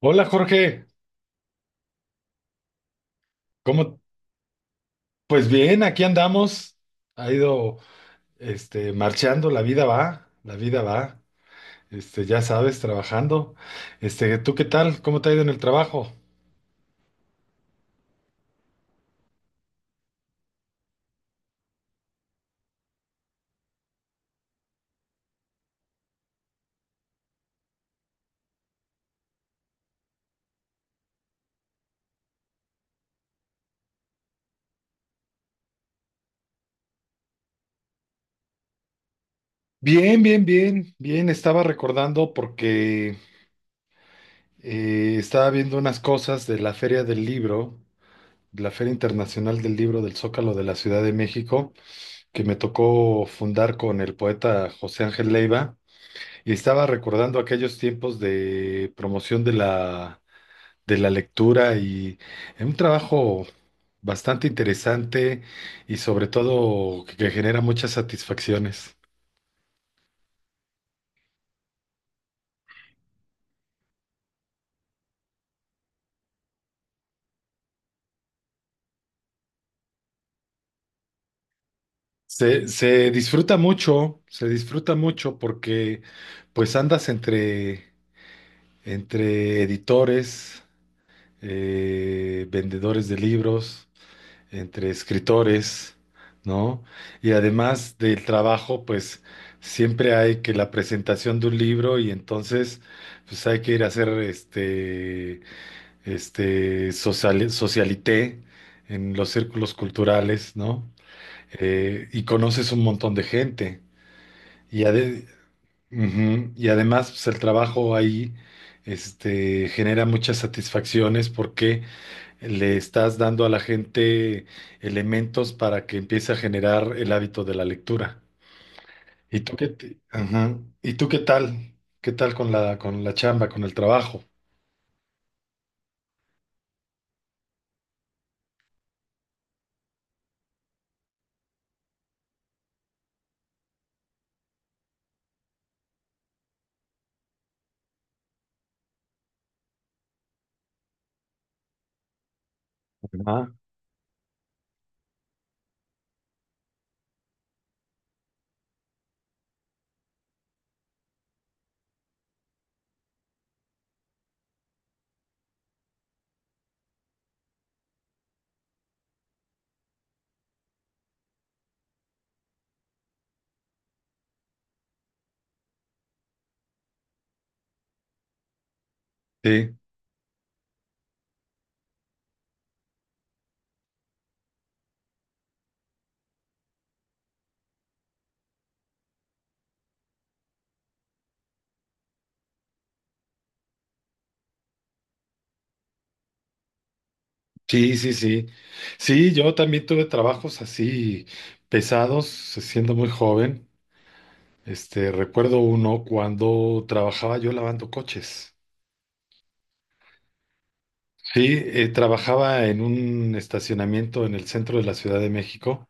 Hola Jorge, ¿cómo? Pues bien, aquí andamos. Ha ido, marchando, la vida va, la vida va. Ya sabes, trabajando. ¿Tú qué tal? ¿Cómo te ha ido en el trabajo? Bien, bien, bien, bien. Estaba recordando porque estaba viendo unas cosas de la Feria del Libro, de la Feria Internacional del Libro del Zócalo de la Ciudad de México, que me tocó fundar con el poeta José Ángel Leiva. Y estaba recordando aquellos tiempos de promoción de la lectura y en un trabajo bastante interesante y sobre todo que genera muchas satisfacciones. Se disfruta mucho, se disfruta mucho porque pues andas entre editores, vendedores de libros. Entre escritores, ¿no? Y además del trabajo, pues siempre hay que la presentación de un libro y entonces pues hay que ir a hacer este socialité en los círculos culturales, ¿no? Y conoces un montón de gente. Y, ade- Ujú. Y además pues, el trabajo ahí genera muchas satisfacciones, porque le estás dando a la gente elementos para que empiece a generar el hábito de la lectura. Ajá. ¿Y tú qué tal? ¿Qué tal con la chamba, con el trabajo? Ajá. Sí, sí, sí, sí. Sí, yo también tuve trabajos así pesados, siendo muy joven. Recuerdo uno cuando trabajaba yo lavando coches. Sí, trabajaba en un estacionamiento en el centro de la Ciudad de México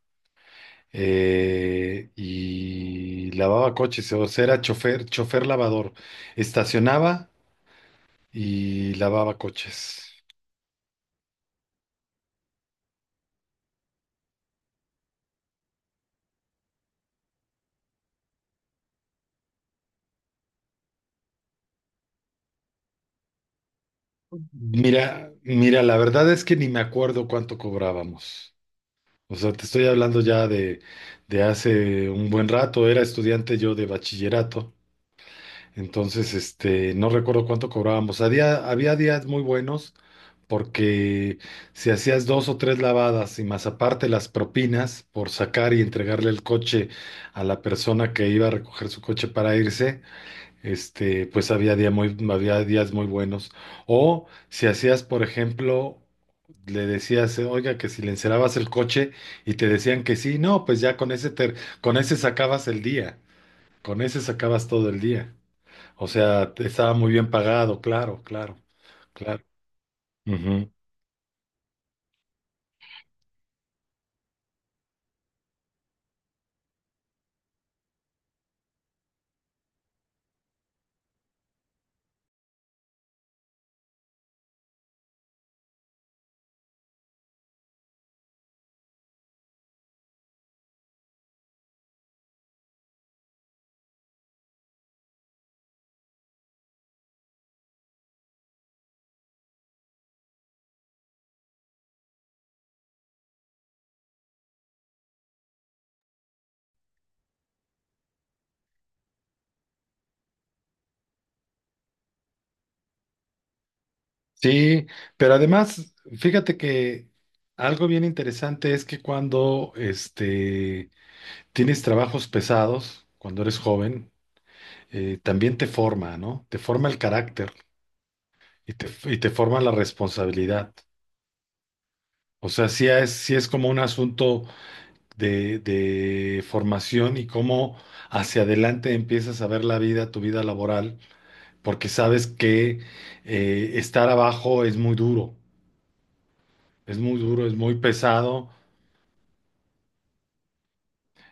y lavaba coches, o sea, era chofer, chofer lavador. Estacionaba y lavaba coches. Mira, mira, la verdad es que ni me acuerdo cuánto cobrábamos. O sea, te estoy hablando ya de hace un buen rato. Era estudiante yo de bachillerato. Entonces, no recuerdo cuánto cobrábamos. Había días muy buenos porque si hacías dos o tres lavadas y más aparte las propinas por sacar y entregarle el coche a la persona que iba a recoger su coche para irse, pues había días muy buenos. O si hacías, por ejemplo, le decías, oiga, que si le encerabas el coche y te decían que sí, no, pues ya con ese sacabas el día, con ese sacabas todo el día. O sea, te estaba muy bien pagado, claro, claro, claro. Ujú. Sí, pero además, fíjate que algo bien interesante es que cuando tienes trabajos pesados, cuando eres joven, también te forma, ¿no? Te forma el carácter y y te forma la responsabilidad. O sea, sí es como un asunto de formación y cómo hacia adelante empiezas a ver la vida, tu vida laboral, porque sabes que estar abajo es muy duro, es muy duro, es muy pesado.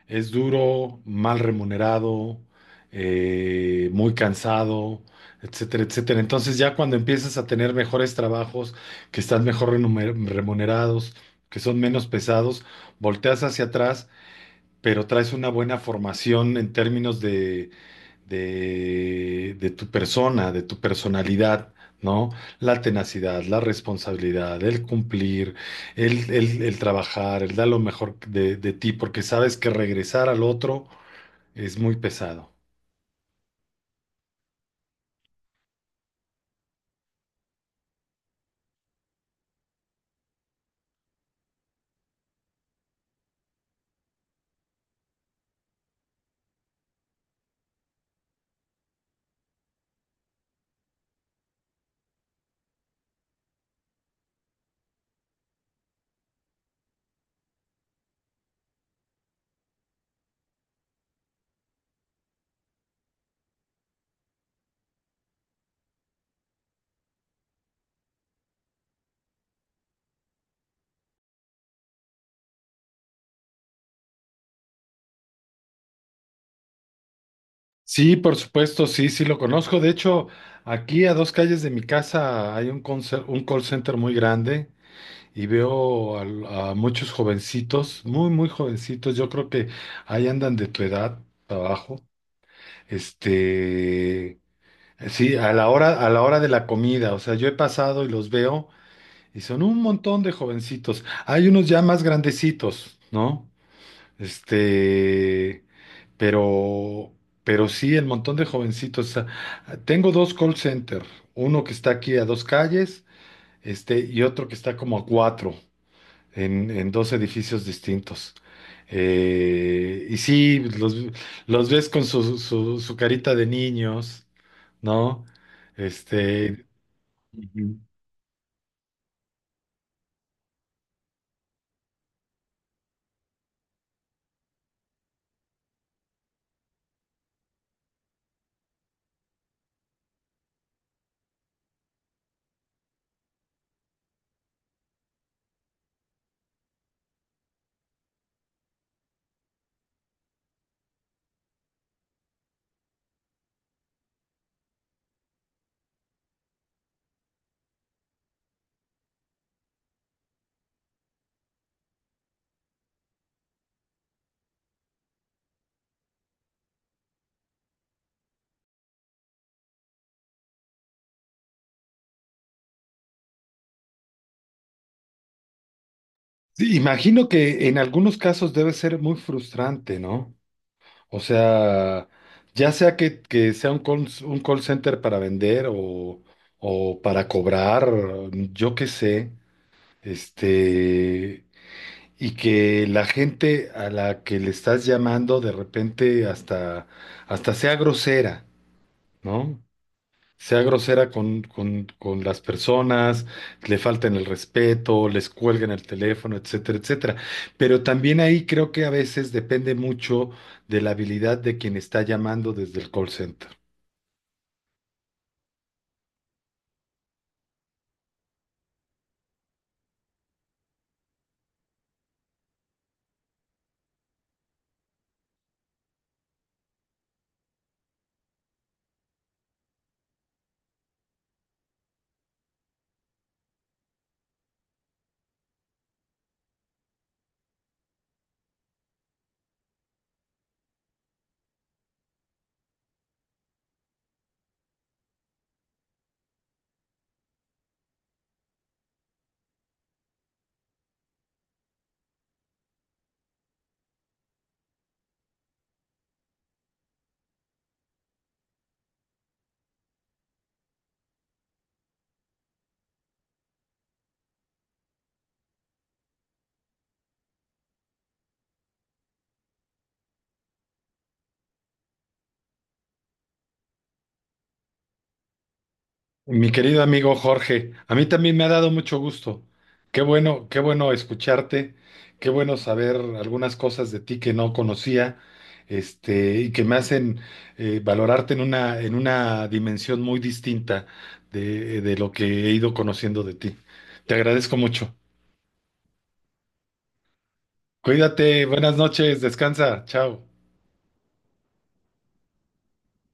Es duro, mal remunerado, muy cansado, etcétera, etcétera. Entonces ya cuando empiezas a tener mejores trabajos, que están mejor remunerados, que son menos pesados, volteas hacia atrás, pero traes una buena formación en términos de tu persona, de tu personalidad, ¿no? La tenacidad, la responsabilidad, el cumplir, el trabajar, el dar lo mejor de ti, porque sabes que regresar al otro es muy pesado. Sí, por supuesto, sí, sí lo conozco. De hecho, aquí a dos calles de mi casa hay un call center muy grande y muchos jovencitos, muy, muy jovencitos. Yo creo que ahí andan de tu edad para abajo, este, sí, a la hora de la comida, o sea, yo he pasado y los veo y son un montón de jovencitos. Hay unos ya más grandecitos, ¿no? Este, pero, pero sí, el montón de jovencitos. O sea, tengo dos call center, uno que está aquí a dos calles, y otro que está como a cuatro, en dos edificios distintos. Y sí, los ves con su carita de niños, ¿no? Este, Ujú. Sí, imagino que en algunos casos debe ser muy frustrante, ¿no? O sea, ya sea que sea un call center para vender o para cobrar, yo qué sé, este, y que la gente a la que le estás llamando de repente hasta sea grosera, ¿no? Sea grosera con, con las personas, le falten el respeto, les cuelguen el teléfono, etcétera, etcétera. Pero también ahí creo que a veces depende mucho de la habilidad de quien está llamando desde el call center. Mi querido amigo Jorge, a mí también me ha dado mucho gusto. Qué bueno escucharte, qué bueno saber algunas cosas de ti que no conocía, y que me hacen valorarte en una dimensión muy distinta de lo que he ido conociendo de ti. Te agradezco mucho. Cuídate, buenas noches, descansa, chao.